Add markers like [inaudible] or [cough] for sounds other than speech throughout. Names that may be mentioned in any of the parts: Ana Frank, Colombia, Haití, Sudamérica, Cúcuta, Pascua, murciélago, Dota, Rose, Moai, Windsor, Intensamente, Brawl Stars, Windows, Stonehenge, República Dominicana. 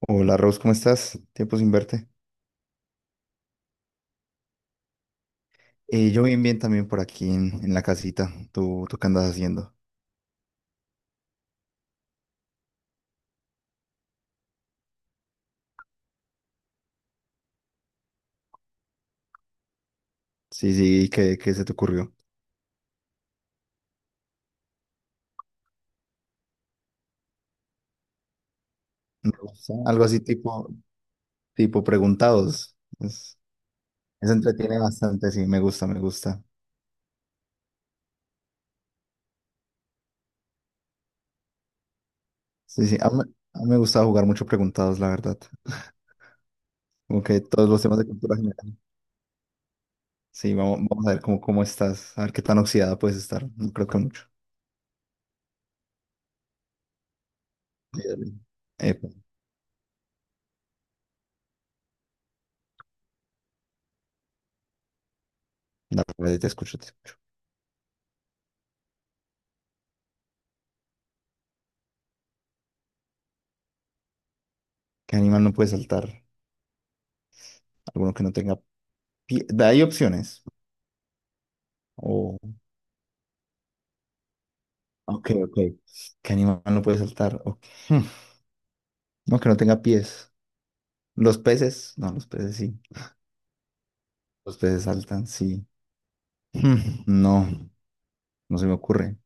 Hola Rose, ¿cómo estás? Tiempo sin verte. Yo bien, bien también por aquí en la casita. ¿Tú, ¿qué andas haciendo? Sí, sí, ¿qué se te ocurrió? Me gusta. Algo así tipo preguntados. Eso entretiene bastante, sí, me gusta, me gusta. Sí, sí, a mí me gusta jugar mucho preguntados, la verdad. Como que todos los temas de cultura general. Sí, vamos, vamos a ver cómo estás, a ver qué tan oxidada puedes estar. No creo que mucho. Sí, dale. Epa, dale, te escucho, te escucho. ¿Qué animal no puede saltar? Alguno que no tenga pie. Hay opciones. Oh, ok, ok. ¿Qué animal no puede saltar? Ok. [laughs] Hmm, no, que no tenga pies. Los peces, no, los peces sí. Los peces saltan, sí. [laughs] Hmm, No, no se me ocurre.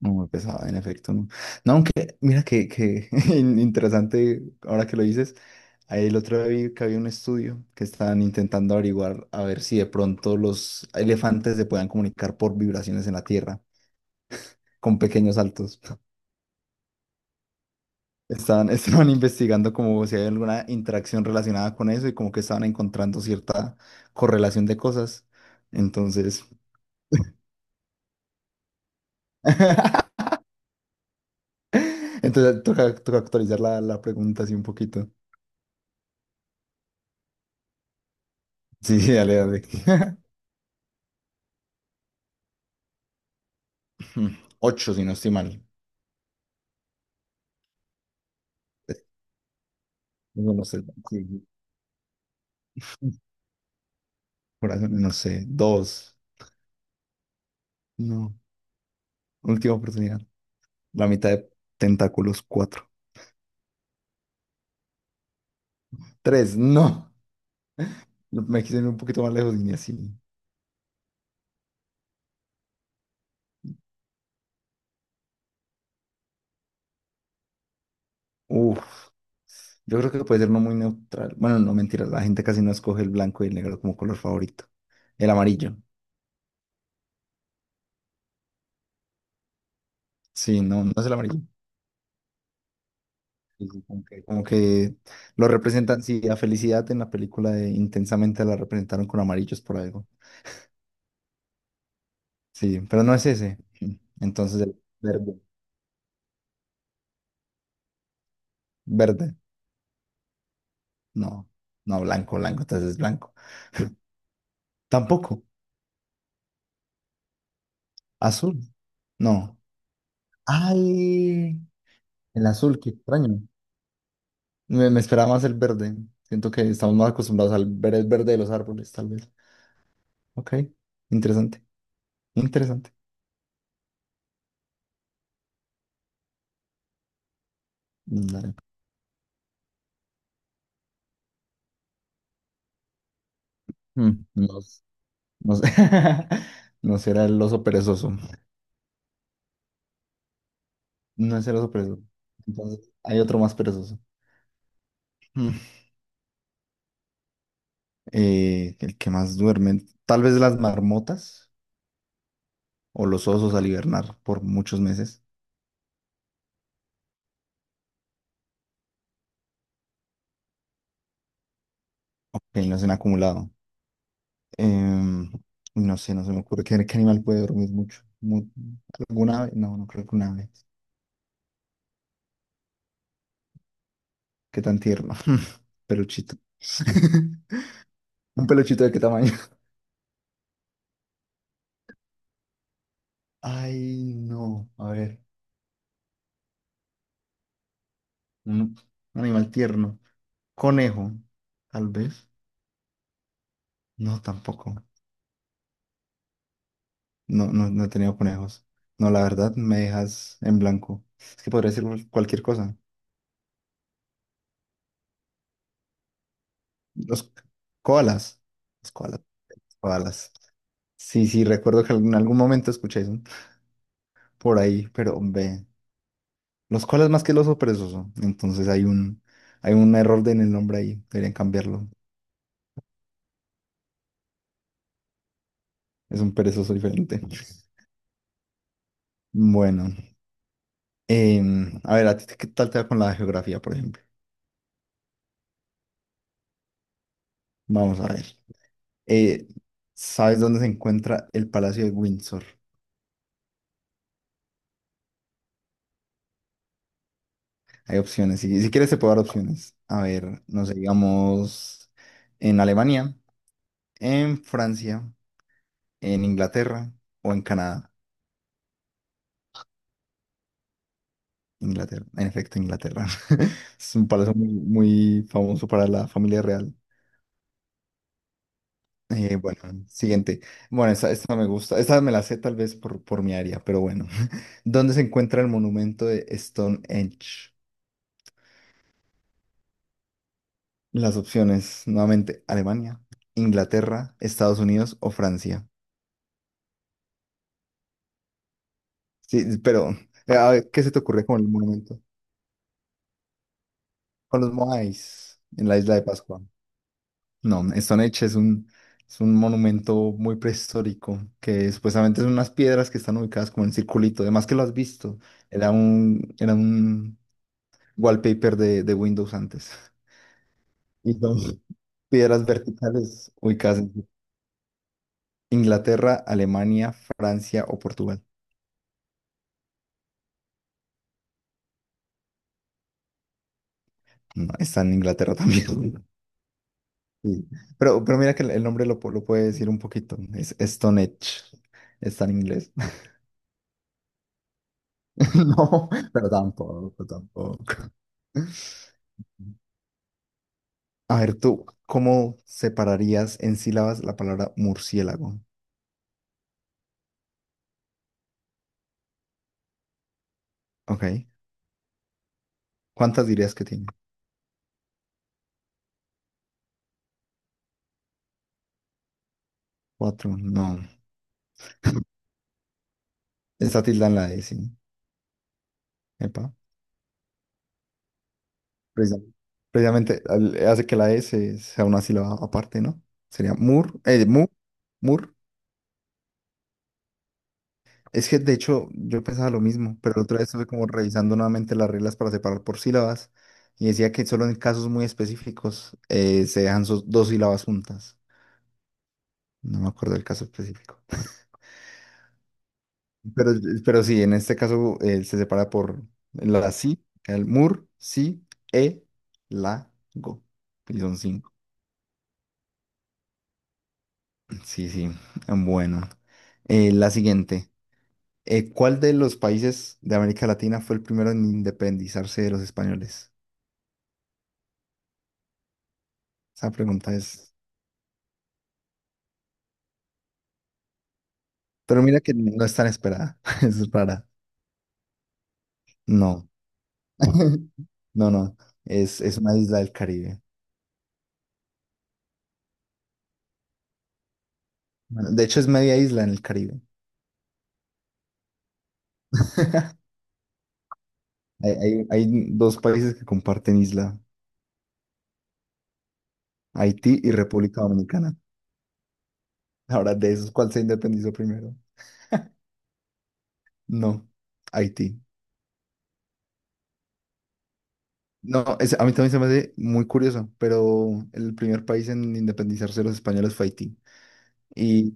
No me pesaba, en efecto, no. No, aunque, mira que [laughs] interesante, ahora que lo dices, ahí el otro día vi que había un estudio que estaban intentando averiguar a ver si de pronto los elefantes se puedan comunicar por vibraciones en la tierra, con pequeños saltos. Estaban, [laughs] estaban investigando como si hay alguna interacción relacionada con eso y como que estaban encontrando cierta correlación de cosas. Entonces, [laughs] entonces toca, toca actualizar la pregunta así un poquito. Sí, sí, dale, dale. [laughs] Ocho, si no estoy mal. No, no sé. Sí, sí. Corazón, no sé. Dos. No. Última oportunidad. La mitad de tentáculos, cuatro. Tres, no. Me quise ir un poquito más lejos y ni así. Uf, yo creo que puede ser uno muy neutral. Bueno, no mentiras, la gente casi no escoge el blanco y el negro como color favorito. El amarillo, sí, no, no es el amarillo. Sí, sí, como que, como que lo representan, sí, a Felicidad en la película de Intensamente la representaron con amarillos por algo. Sí, pero no es ese. Entonces el verde, verde, no, no, blanco, blanco, entonces es blanco. Tampoco, azul, no. Ay, el azul, qué extraño. Me esperaba más el verde. Siento que estamos más acostumbrados al ver el verde de los árboles, tal vez. Ok, interesante, interesante. Dale. Mm, no, no sé. [laughs] No será el oso perezoso. No es el oso perezoso. Entonces, hay otro más perezoso. Mm. El que más duerme. Tal vez las marmotas o los osos al hibernar por muchos meses. Ok, no se han acumulado. Em, no sé, no se me ocurre qué animal puede dormir mucho. ¿Alguna ave? No, no creo que una ave. Qué tan tierno. [laughs] Peluchito. [laughs] ¿Un peluchito de qué tamaño? [laughs] Ay, no. A ver. Un, un animal tierno. Conejo, tal vez. No, tampoco. No, no, no he tenido conejos. No, la verdad, me dejas en blanco. Es que podría decir cualquier cosa. Los koalas. Los koalas. Koalas. Sí, sí, recuerdo que en algún momento escuché eso por ahí, pero ve. Los koalas más que el oso perezoso. Entonces hay un error en el nombre ahí. Deberían cambiarlo. Es un perezoso diferente. Bueno, a ver, ¿a ti qué tal te va con la geografía, por ejemplo? Vamos a ver. Eh, ¿Sabes dónde se encuentra el Palacio de Windsor? Hay opciones. Si, si quieres, te puedo dar opciones. A ver, no sé, digamos en Alemania, en Francia, en Inglaterra o en Canadá. Inglaterra, en efecto, Inglaterra. [laughs] Es un palacio muy, muy famoso para la familia real. Bueno, siguiente. Bueno, esta me gusta. Esta me la sé tal vez por mi área, pero bueno. [laughs] ¿Dónde se encuentra el monumento de Stonehenge? Las opciones, nuevamente, Alemania, Inglaterra, Estados Unidos o Francia. Sí, pero a ver, ¿qué se te ocurre con el monumento? Con los Moais en la isla de Pascua. No, Stonehenge es un monumento muy prehistórico, que supuestamente son unas piedras que están ubicadas como en circulito, además que lo has visto, era un wallpaper de Windows antes. [laughs] Y son piedras verticales ubicadas en Inglaterra, Alemania, Francia o Portugal. No, está en Inglaterra también. [laughs] Sí. Pero mira que el nombre lo, lo puede decir un poquito, es Stonehenge, está en inglés. [laughs] No, pero tampoco, tampoco. A ver, tú, ¿cómo separarías en sílabas la palabra murciélago? Ok. ¿Cuántas dirías que tiene? Cuatro. No. Está tilda en la E, sí. Epa. Precisa- Precisamente hace que la E sea una sílaba aparte, ¿no? Sería mur, mu, mur. Es que de hecho yo pensaba lo mismo, pero la otra vez estuve como revisando nuevamente las reglas para separar por sílabas y decía que solo en casos muy específicos se dejan sus dos sílabas juntas. No me acuerdo del caso específico. Pero, pero sí, en este caso se separa por la si, el mur, si, e, la, go. Y son cinco. Sí, sí. Bueno. La siguiente. ¿Cuál de los países de América Latina fue el primero en independizarse de los españoles? Esa pregunta es... Pero mira que no es tan esperada. [laughs] Es rara. No. [laughs] No, no. Es una isla del Caribe. Bueno, de hecho, es media isla en el Caribe. [laughs] Hay dos países que comparten isla. Haití y República Dominicana. Ahora, de esos, ¿cuál se independizó primero? No, Haití. No, a mí también se me hace muy curioso, pero el primer país en independizarse de los españoles fue Haití. Y,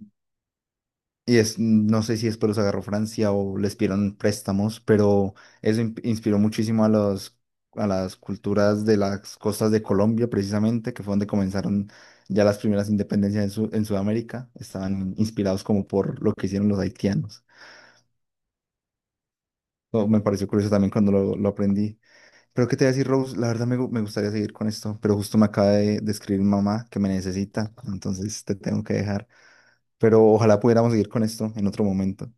y es, no sé si después los agarró Francia o les pidieron préstamos, pero eso inspiró muchísimo a a las culturas de las costas de Colombia, precisamente, que fue donde comenzaron ya las primeras independencias en, en Sudamérica. Estaban inspirados como por lo que hicieron los haitianos. Oh, me pareció curioso también cuando lo aprendí. Pero qué te voy a decir, Rose, la verdad me gustaría seguir con esto, pero justo me acaba de escribir mamá que me necesita, entonces te tengo que dejar. Pero ojalá pudiéramos seguir con esto en otro momento.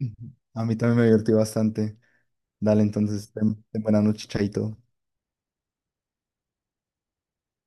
Ujú. A mí también me divertí bastante. Dale, entonces, ten, ten buena noche, chaito.